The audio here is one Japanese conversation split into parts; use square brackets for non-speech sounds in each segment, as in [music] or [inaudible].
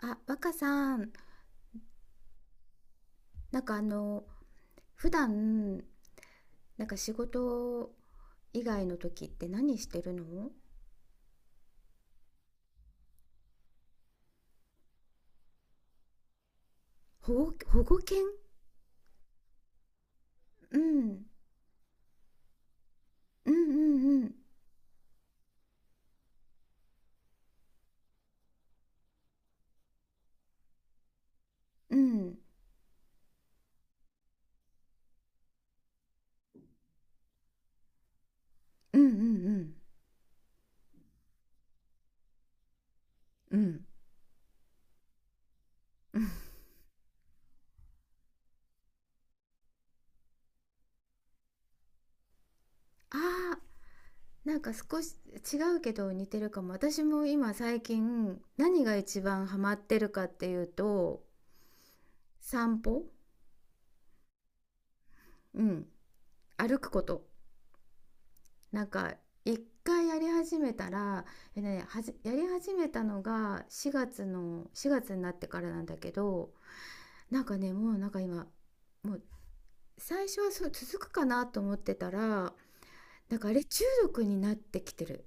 あ、若さん、なんか普段、なんか仕事以外の時って何してるの？保護犬。うん。うんうんうん。うん。うんうんうん。うん。ああ、なんか少し違うけど似てるかも。私も今最近何が一番ハマってるかっていうと、散歩。うん。歩くこと。なんか一回やり始めたら、やり始めたのが4月の4月になってからなんだけど、なんかねもうなんか今、もう最初はそう続くかなと思ってたら、なんかあれ、中毒になってきてる。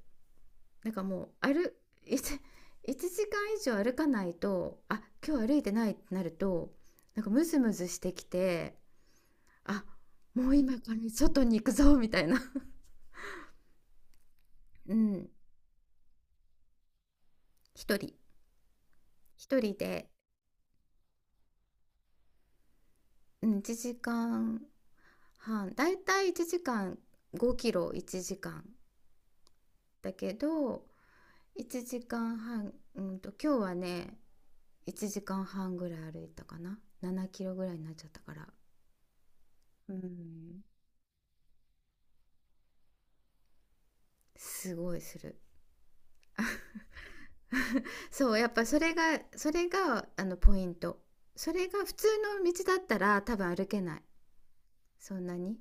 なんかもう歩1 1時間以上歩かないと、あ、今日歩いてないってなると、なんかムズムズしてきて、あ、もう今から外に行くぞみたいな。 [laughs] うん。一人。一人で。うん、1時間半、だいたい1時間、5キロ1時間だけど、1時間半、今日はね、1時間半ぐらい歩いたかな、7キロぐらいになっちゃったから。うん、すごいする。そうやっぱ、それがポイント。それが普通の道だったら多分歩けない、そんなに。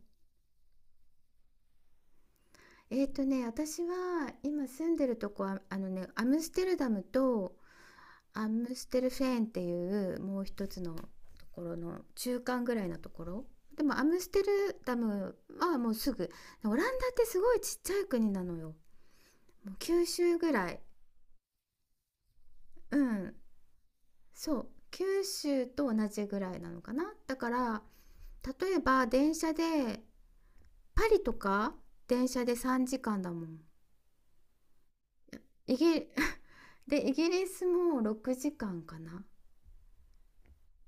私は今住んでるとこはアムステルダムとアムステルフェーンっていうもう一つのところの中間ぐらいのところ。でもアムステルダムはもうすぐ、オランダってすごいちっちゃい国なのよ。もう九州ぐらい。うん、そう、九州と同じぐらいなのかな。だから例えば電車でパリとか、電車で3時間だもん。イギ [laughs] で、イギリスも6時間かんかな、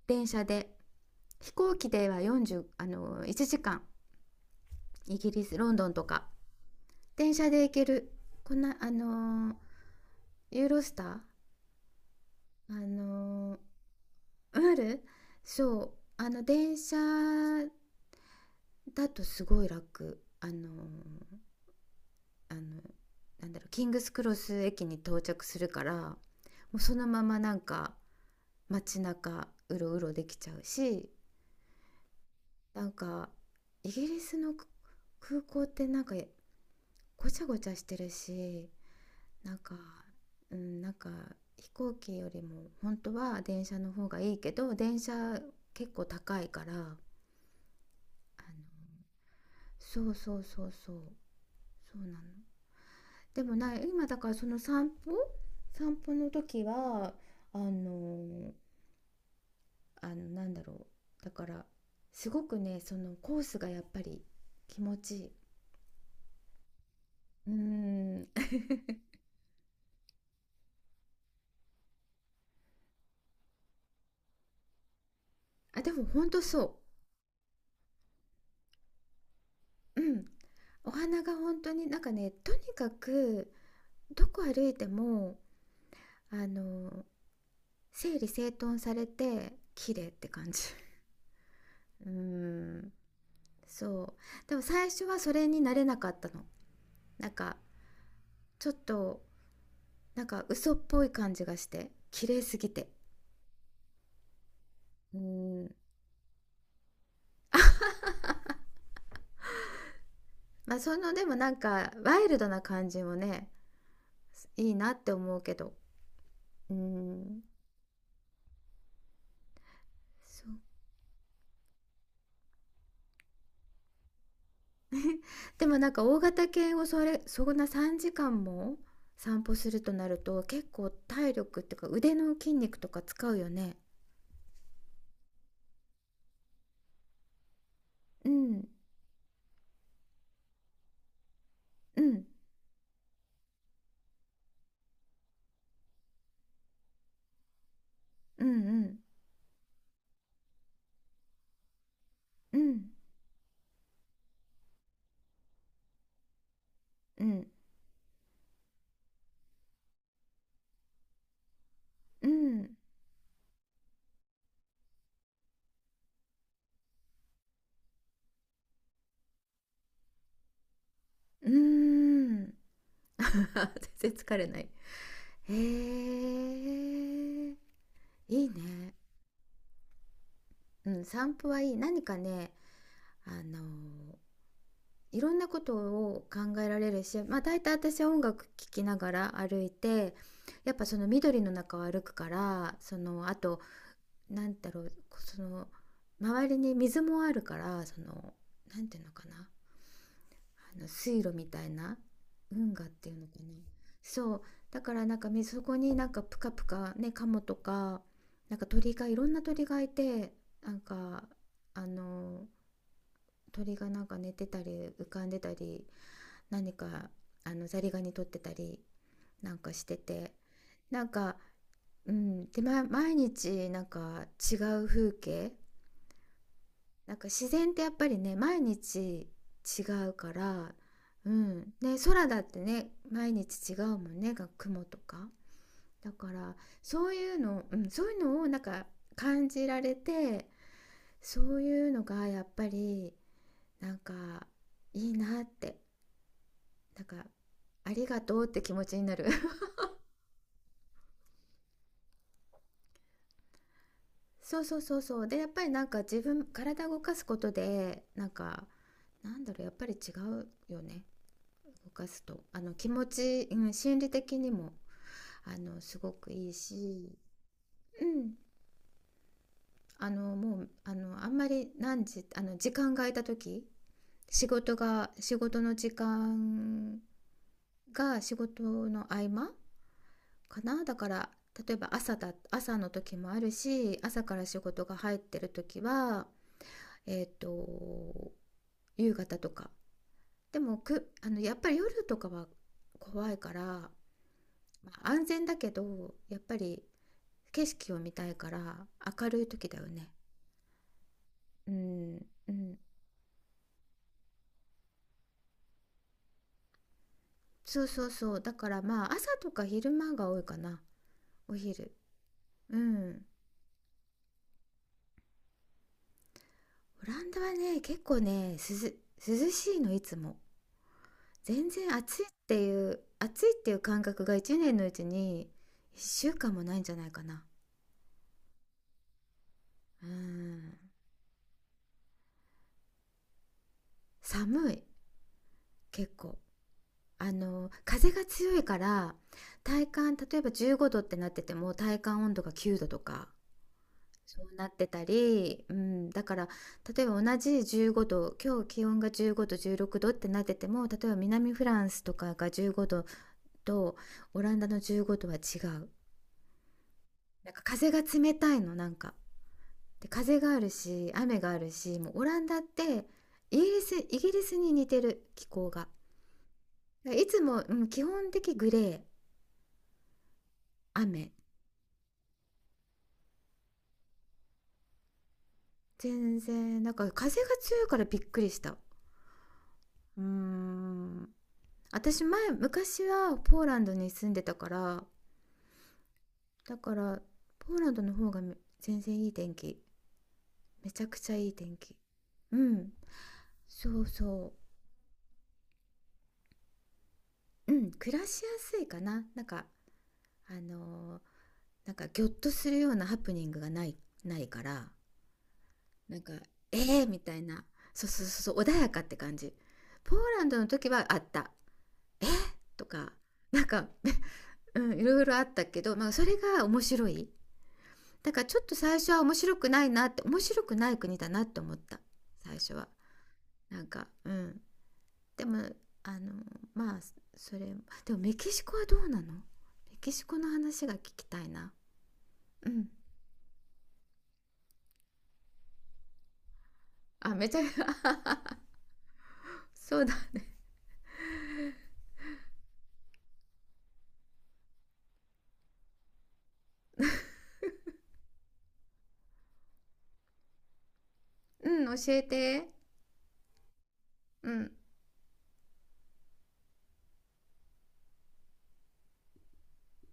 電車で。飛行機では40あの1時間、イギリス、ロンドンとか。電車で行ける、こんなユーロスター。あのーある。そう、電車だとすごい楽、あのなんだろう、キングスクロス駅に到着するから、もうそのままなんか街中うろうろできちゃうし、なんかイギリスの空港ってなんかごちゃごちゃしてるし、なんかうんなんか、飛行機よりも本当は電車の方がいいけど、電車結構高いからそうそうそうそう、そうなの。でもな、今だからその散歩の時は、あのなんだろう、だからすごくね、そのコースがやっぱり気持ちいい。うーん。あ、でも本当そう、うん。お花が本当になんかね、とにかくどこ歩いてもあの整理整頓されて綺麗って感じ。 [laughs] うーん。そう、でも最初はそれになれなかったの。なんかちょっとなんか嘘っぽい感じがして綺麗すぎて。うーん、まあそのでもなんかワイルドな感じもね、いいなって思うけど。うーん、そう。でもなんか、大型犬をそれそんな3時間も散歩するとなると、結構体力っていうか腕の筋肉とか使うよね。うんうん、うん、うん、うん、うん、うん、うん。[laughs] 全然疲れない。へえ、いいね。うん、散歩はいい。何かね、あのいろんなことを考えられるし、まあ、大体私は音楽聴きながら歩いて、やっぱその緑の中を歩くから、そのあとなんだろう、その周りに水もあるから、そのなんていうのかな、あの水路みたいな、運河っていうのかな。そうだから、なんかそこになんかプカプカね、カモとかなんか鳥が、いろんな鳥がいて、なんかあの鳥がなんか寝てたり浮かんでたり、何かザリガニ取ってたりなんかしてて、なんか、うん、で、ま、毎日なんか違う風景、なんか自然ってやっぱりね毎日違うから、うん、ね、空だってね毎日違うもんね、が雲とか。だからそういうの、うん、そういうのをなんか感じられて、そういうのがやっぱりなんかいいなって、なんかありがとうって気持ちになる。 [laughs] そうそうそうそう、でやっぱりなんか自分、体動かすことでなんかなんだろう、やっぱり違うよね、動かすと、気持ち、うん、心理的にもすごくいいし、うん。もうあんまり何時時間が空いた時、仕事が仕事の時間仕事の合間かな。だから例えば朝の時もあるし、朝から仕事が入ってる時はえっ、ー、と夕方とか。でもやっぱり夜とかは怖いから、まあ、安全だけどやっぱり景色を見たいから、明るい時だよね。うん、うん。そうそうそう、だからまあ朝とか昼間が多いかな、お昼。うん。オランダはね、結構ね涼しいの、いつも。全然暑いっていう、暑いっていう感覚が1年のうちに1週間もないんじゃないかな。うん、寒い、結構風が強いから、体感、例えば15度ってなってても体感温度が9度とか、そうなってたり、うん、だから例えば同じ15度、今日気温が15度16度ってなってても、例えば南フランスとかが15度と、オランダの15度は違う。なんか風が冷たいのなんか、で、風があるし雨があるし、もうオランダってイギリスに似てる、気候が。だからいつも、うん、基本的グレー、雨。全然なんか、風が強いからびっくりした。うーん、私昔はポーランドに住んでたから、だからポーランドの方が全然いい天気、めちゃくちゃいい天気。うん、そうそう。うん、暮らしやすいかな、なんかあのーなんかギョッとするようなハプニングがないから、なんかえー、みたいな。そうそうそうそう、穏やかって感じ。ポーランドの時はあった、えー、とか、なんか。[laughs] うん、いろいろあったけど、まあ、それが面白い。だからちょっと最初は面白くない国だなって思った、最初は。なんかうん、でもあのまあ、それでもメキシコはどうなの？メキシコの話が聞きたいな。うん。あ、めちゃ。 [laughs] そうだね。うん、教えて。うん。